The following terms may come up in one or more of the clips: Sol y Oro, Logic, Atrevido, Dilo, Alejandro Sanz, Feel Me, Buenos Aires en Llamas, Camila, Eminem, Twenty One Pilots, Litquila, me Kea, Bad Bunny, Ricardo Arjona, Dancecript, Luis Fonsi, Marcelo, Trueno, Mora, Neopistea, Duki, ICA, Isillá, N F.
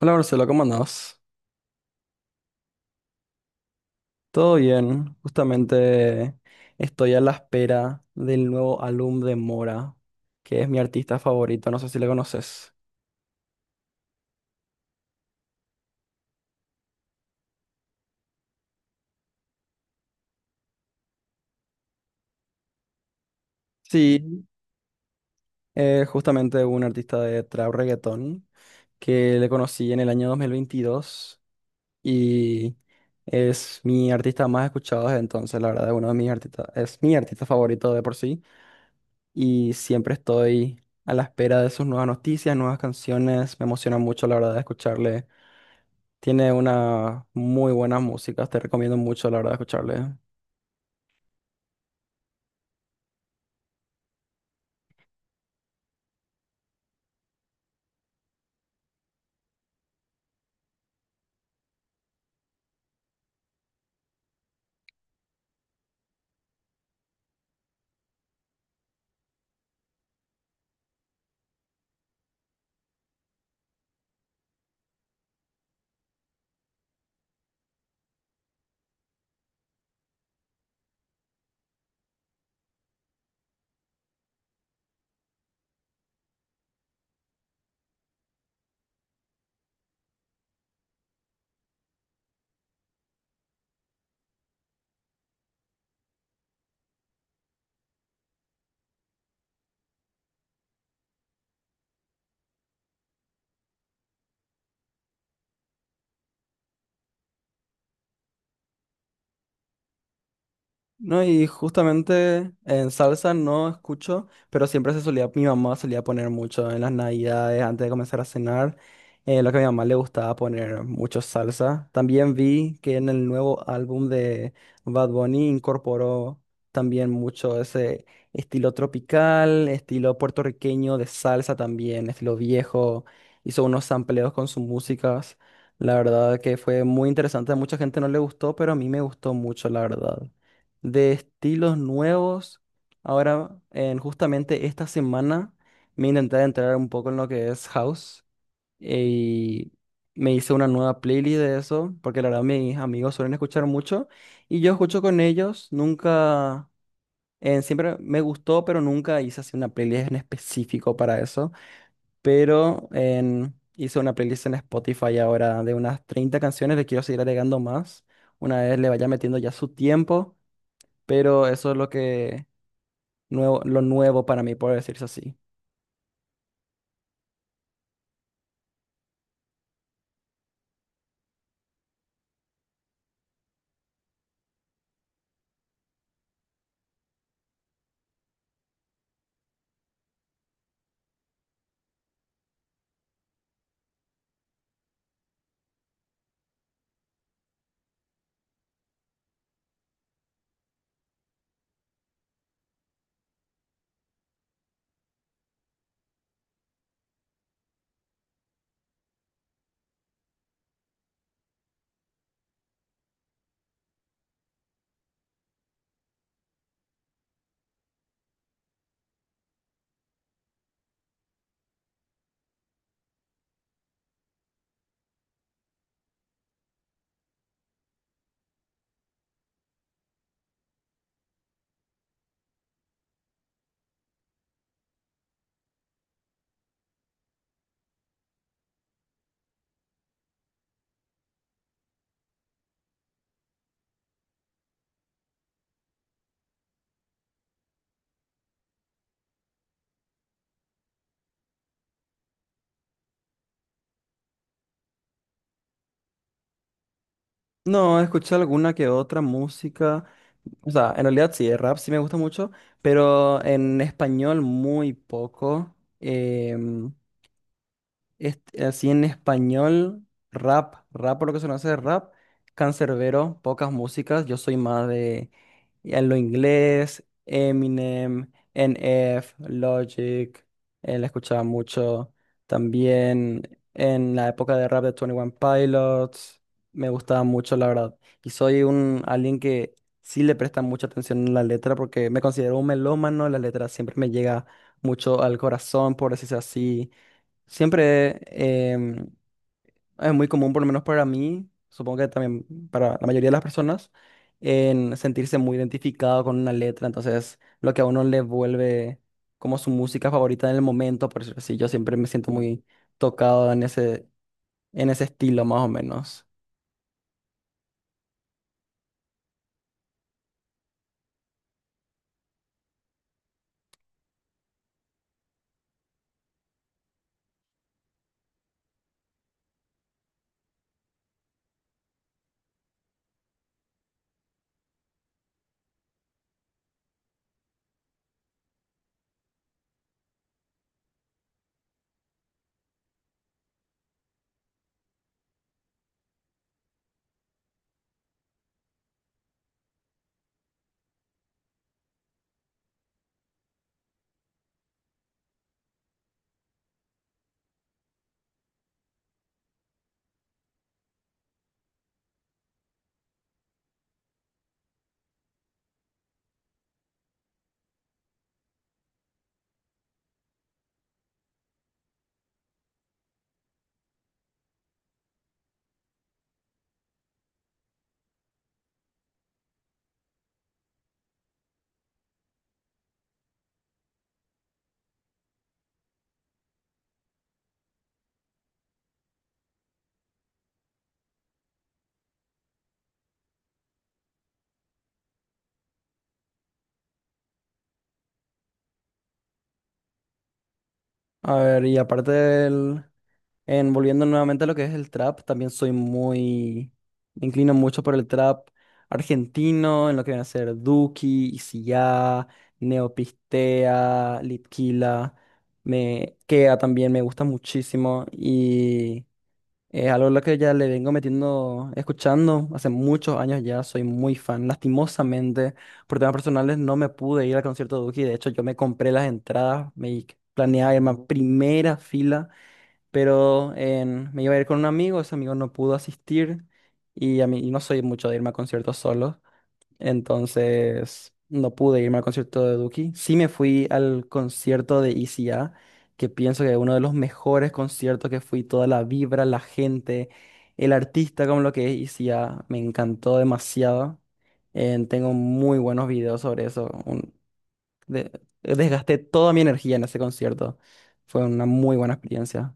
Hola Marcelo, ¿cómo andás? Todo bien, justamente estoy a la espera del nuevo álbum de Mora, que es mi artista favorito, no sé si le conoces. Sí, justamente un artista de trap reggaetón que le conocí en el año 2022 y es mi artista más escuchado desde entonces, la verdad, es uno de mis artistas, es mi artista favorito de por sí y siempre estoy a la espera de sus nuevas noticias, nuevas canciones, me emociona mucho la verdad de escucharle. Tiene una muy buena música, te recomiendo mucho la verdad escucharle. No, y justamente en salsa no escucho, pero siempre se solía, mi mamá solía poner mucho en las navidades antes de comenzar a cenar. Lo que a mi mamá le gustaba poner mucho salsa. También vi que en el nuevo álbum de Bad Bunny incorporó también mucho ese estilo tropical, estilo puertorriqueño de salsa también, estilo viejo. Hizo unos sampleos con sus músicas. La verdad que fue muy interesante. A mucha gente no le gustó, pero a mí me gustó mucho, la verdad de estilos nuevos. Ahora, en justamente esta semana, me intenté entrar un poco en lo que es house y me hice una nueva playlist de eso, porque la verdad mis amigos suelen escuchar mucho y yo escucho con ellos, nunca, siempre me gustó, pero nunca hice así una playlist en específico para eso, pero hice una playlist en Spotify ahora de unas 30 canciones, le quiero seguir agregando más, una vez le vaya metiendo ya su tiempo. Pero eso es lo que nuevo, lo nuevo para mí, por decirse así. No, escuché alguna que otra música. O sea, en realidad sí, el rap sí me gusta mucho, pero en español muy poco. em, Este, así en español, rap por lo que se conoce de rap, cancerbero pocas músicas, yo soy más de en lo inglés, Eminem, NF Logic, la escuchaba mucho, también en la época de rap de Twenty One Pilots, me gustaba mucho la verdad, y soy un alguien que sí le presta mucha atención a la letra porque me considero un melómano, la letra siempre me llega mucho al corazón, por decirse así. Siempre es muy común, por lo menos para mí, supongo que también para la mayoría de las personas, en sentirse muy identificado con una letra. Entonces, lo que a uno le vuelve como su música favorita en el momento, por decirlo así, yo siempre me siento muy tocado en ese estilo, más o menos. A ver, y aparte del, en volviendo nuevamente a lo que es el trap, también soy muy, me inclino mucho por el trap argentino, en lo que viene a ser Duki, Isillá, Neopistea, Litquila, me Kea también me gusta muchísimo y es algo a lo que ya le vengo metiendo, escuchando hace muchos años ya, soy muy fan. Lastimosamente, por temas personales no me pude ir al concierto de Duki, de hecho yo me compré las entradas, me planeaba irme a primera fila pero me iba a ir con un amigo, ese amigo no pudo asistir y a mí y no soy mucho de irme a conciertos solo, entonces no pude irme al concierto de Duki. Sí me fui al concierto de ICA, que pienso que es uno de los mejores conciertos que fui, toda la vibra, la gente, el artista como lo que es ICA, me encantó demasiado. Tengo muy buenos videos sobre eso. De- Desgasté toda mi energía en ese concierto. Fue una muy buena experiencia.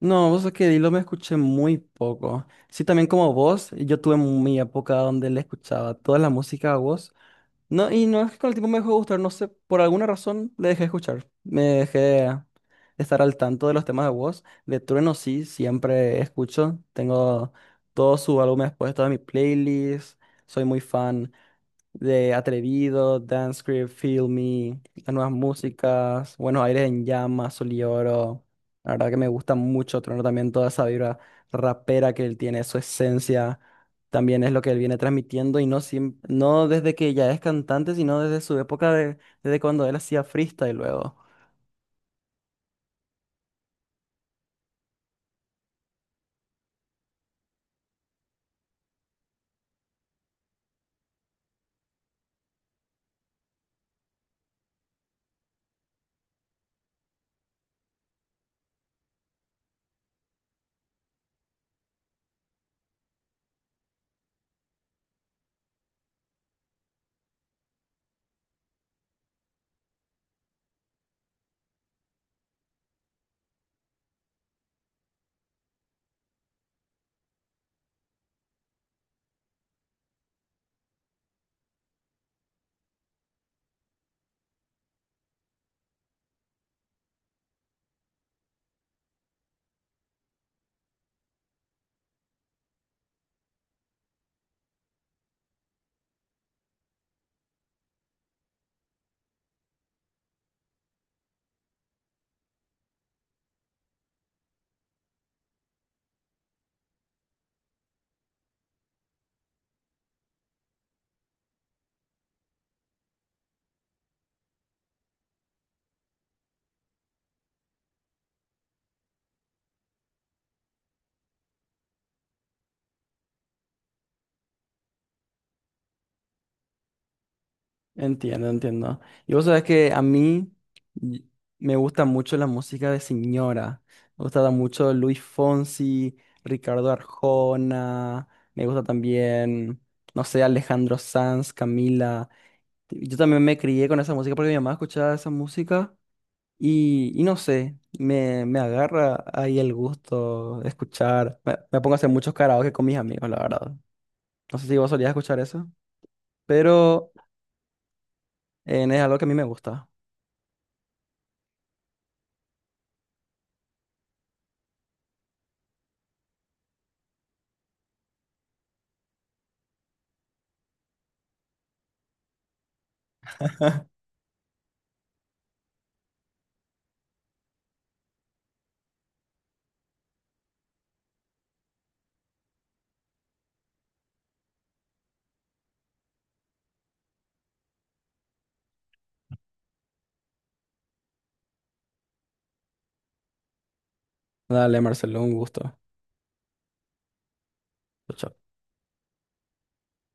No, vos es que Dilo me escuché muy poco. Sí, también como vos, yo tuve mi época donde le escuchaba toda la música a vos. No, y no es que con el tiempo me dejó de gustar, no sé, por alguna razón le dejé de escuchar. Me dejé de estar al tanto de los temas de vos. De Trueno sí, siempre escucho. Tengo todo su álbum después, toda mi playlist. Soy muy fan de Atrevido, Dancecript, Feel Me, las nuevas músicas, Buenos Aires en Llamas, Sol y Oro. La verdad que me gusta mucho tener también toda esa vibra rapera que él tiene, su esencia, también es lo que él viene transmitiendo y no, no desde que ya es cantante, sino desde su época de, desde cuando él hacía freestyle luego. Entiendo, entiendo. Y vos sabés que a mí y- me gusta mucho la música de señora. Me gusta mucho Luis Fonsi, Ricardo Arjona. Me gusta también, no sé, Alejandro Sanz, Camila. Y yo también me crié con esa música porque mi mamá escuchaba esa música. Y no sé, me agarra ahí el gusto de escuchar. Me pongo a hacer muchos karaoke con mis amigos, la verdad. No sé si vos solías escuchar eso, pero es algo que a mí me gusta. Dale, Marcelo, un gusto. Chao.